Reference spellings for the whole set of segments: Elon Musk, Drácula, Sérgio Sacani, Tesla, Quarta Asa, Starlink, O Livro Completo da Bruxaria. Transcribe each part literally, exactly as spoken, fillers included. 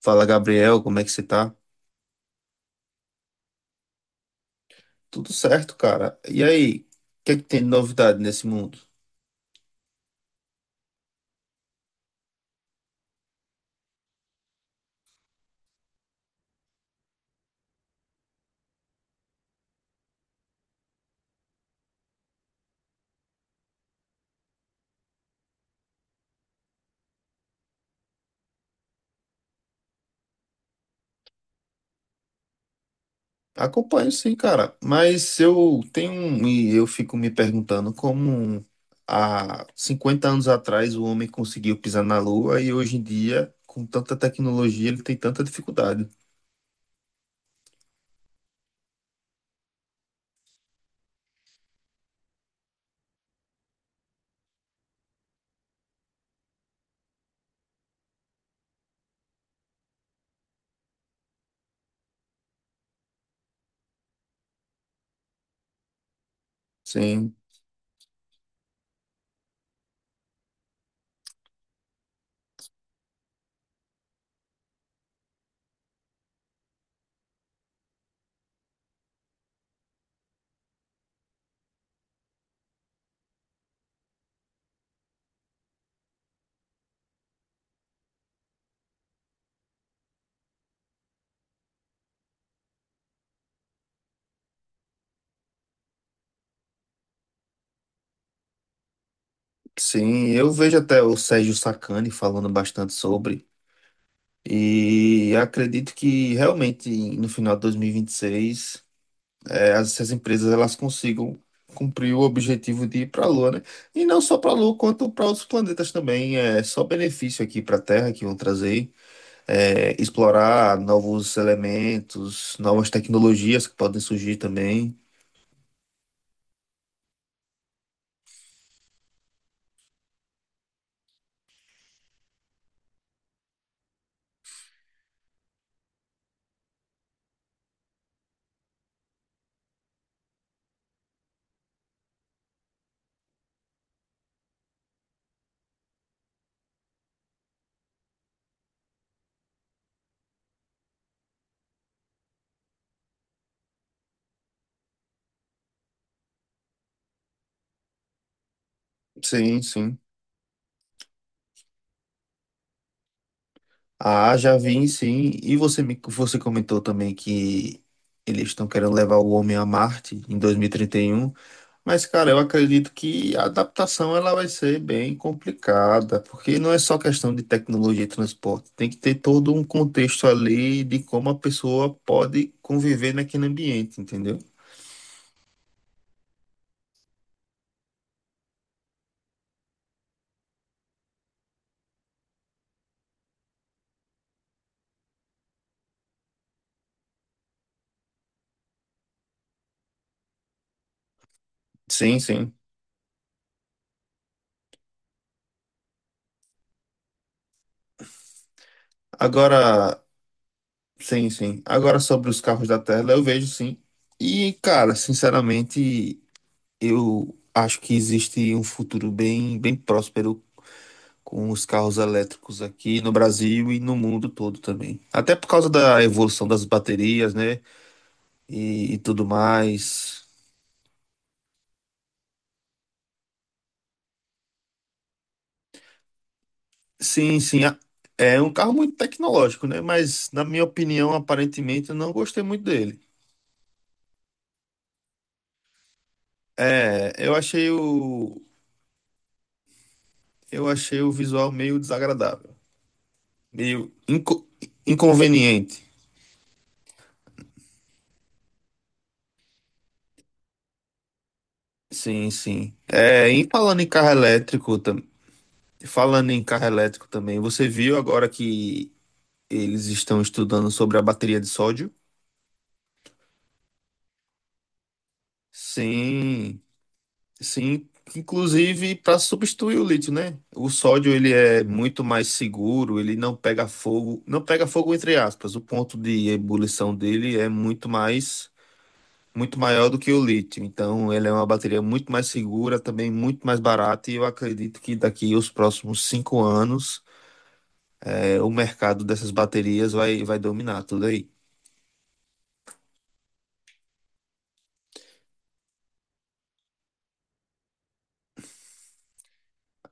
Fala, Gabriel, como é que você tá? Tudo certo, cara. E aí, o que é que tem de novidade nesse mundo? Acompanho sim, cara, mas eu tenho um- e eu fico me perguntando como há cinquenta anos atrás o homem conseguiu pisar na Lua e hoje em dia, com tanta tecnologia, ele tem tanta dificuldade. Sim, sim, eu vejo até o Sérgio Sacani falando bastante sobre, e acredito que realmente no final de dois mil e e vinte e seis é, as, as empresas elas consigam cumprir o objetivo de ir para a Lua, né? E não só para a Lua, quanto para outros planetas também. É só benefício aqui para a Terra que vão trazer. É, explorar novos elementos, novas tecnologias que podem surgir também. Sim, sim. Ah, já vi, sim. E você me, você comentou também que eles estão querendo levar o homem a Marte em dois mil e trinta e um. Mas, cara, eu acredito que a adaptação ela vai ser bem complicada, porque não é só questão de tecnologia e transporte, tem que ter todo um contexto ali de como a pessoa pode conviver naquele ambiente, entendeu? Sim, sim. Agora, sim, sim. Agora sobre os carros da Tesla, eu vejo sim. E, cara, sinceramente, eu acho que existe um futuro bem, bem próspero com os carros elétricos aqui no Brasil e no mundo todo também. Até por causa da evolução das baterias, né? E, e tudo mais. Sim, sim. a- É um carro muito tecnológico, né? Mas, na minha opinião, aparentemente, eu não gostei muito dele. É, eu achei o, eu achei o visual meio desagradável, meio inco- inconveniente. Sim, sim. É, em falando em carro elétrico, tam- falando em carro elétrico também, você viu agora que eles estão estudando sobre a bateria de sódio. Sim, sim, inclusive para substituir o lítio, né? O sódio ele é muito mais seguro, ele não pega fogo, não pega fogo entre aspas. O ponto de ebulição dele é muito mais, muito maior do que o lítio. Então, ele é uma bateria muito mais segura, também muito mais barata. E eu acredito que daqui os próximos cinco anos, é, o mercado dessas baterias vai, vai dominar tudo aí.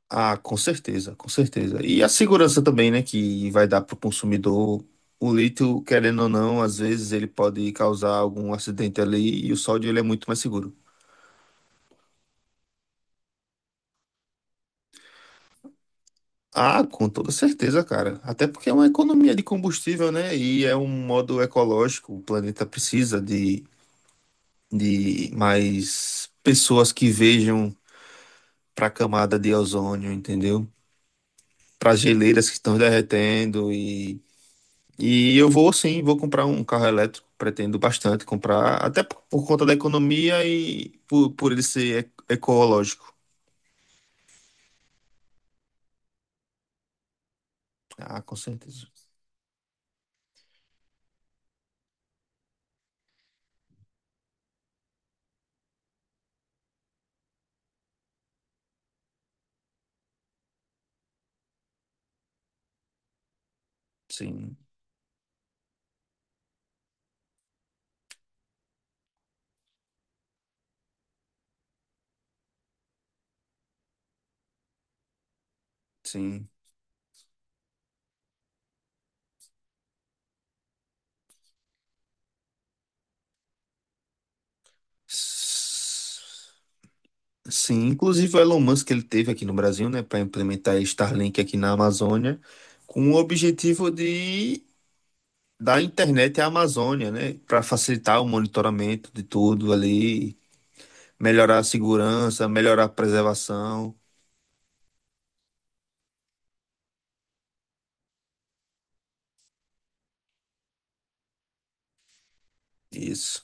Ah, com certeza, com certeza. E a segurança também, né, que vai dar para o consumidor. O lítio, querendo ou não, às vezes ele pode causar algum acidente ali e o sódio ele é muito mais seguro. Ah, com toda certeza, cara. Até porque é uma economia de combustível, né? E é um modo ecológico. O planeta precisa de, de mais pessoas que vejam para a camada de ozônio, entendeu? Para geleiras que estão derretendo. E eu vou sim, vou comprar um carro elétrico, pretendo bastante comprar, até por, por conta da economia e por, por ele ser e- ecológico. Ah, com certeza. Sim, sim. S- Sim, inclusive o Elon Musk ele teve aqui no Brasil, né, para implementar Starlink aqui na Amazônia, com o objetivo de dar internet à Amazônia, né, para facilitar o monitoramento de tudo ali, melhorar a segurança, melhorar a preservação. Isso.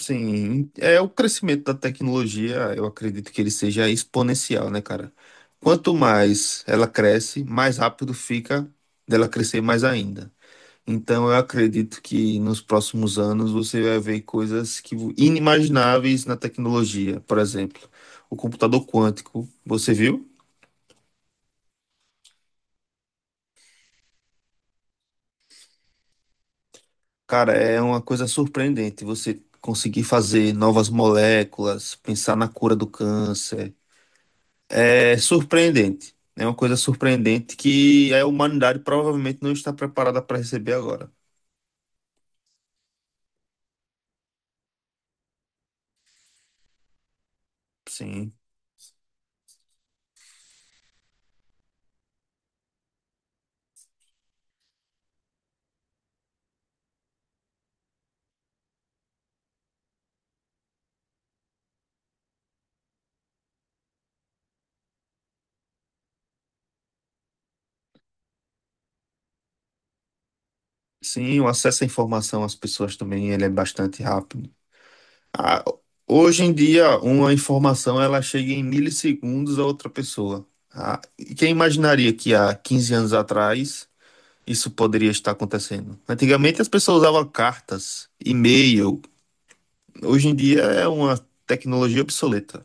Sim, é o crescimento da tecnologia, eu acredito que ele seja exponencial, né, cara? Quanto mais ela cresce, mais rápido fica dela crescer mais ainda. Então, eu acredito que nos próximos anos você vai ver coisas que inimagináveis na tecnologia. Por exemplo, o computador quântico, você viu? Cara, é uma coisa surpreendente você conseguir fazer novas moléculas, pensar na cura do câncer. É surpreendente. É uma coisa surpreendente que a humanidade provavelmente não está preparada para receber agora. Sim. Sim, o acesso à informação às pessoas também ele é bastante rápido. Ah, hoje em dia, uma informação ela chega em milissegundos a outra pessoa. Ah, e quem imaginaria que há quinze anos atrás isso poderia estar acontecendo? Antigamente as pessoas usavam cartas, e-mail. Hoje em dia é uma tecnologia obsoleta.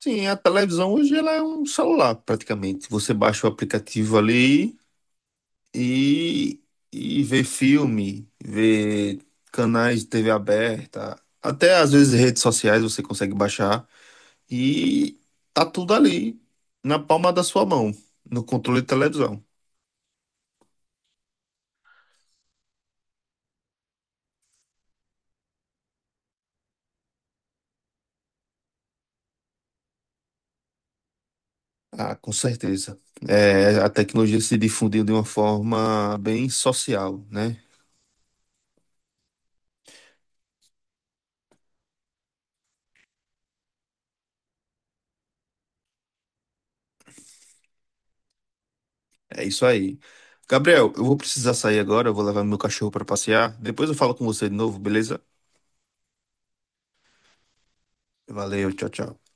Sim, a televisão hoje ela é um celular, praticamente. Você baixa o aplicativo ali e, e vê filme, vê canais de T V aberta, até às vezes redes sociais você consegue baixar e tá tudo ali na palma da sua mão, no controle de televisão. Ah, com certeza. É, a tecnologia se difundiu de uma forma bem social, né? É isso aí. Gabriel, eu vou precisar sair agora, eu vou levar meu cachorro para passear. Depois eu falo com você de novo, beleza? Valeu, tchau, tchau.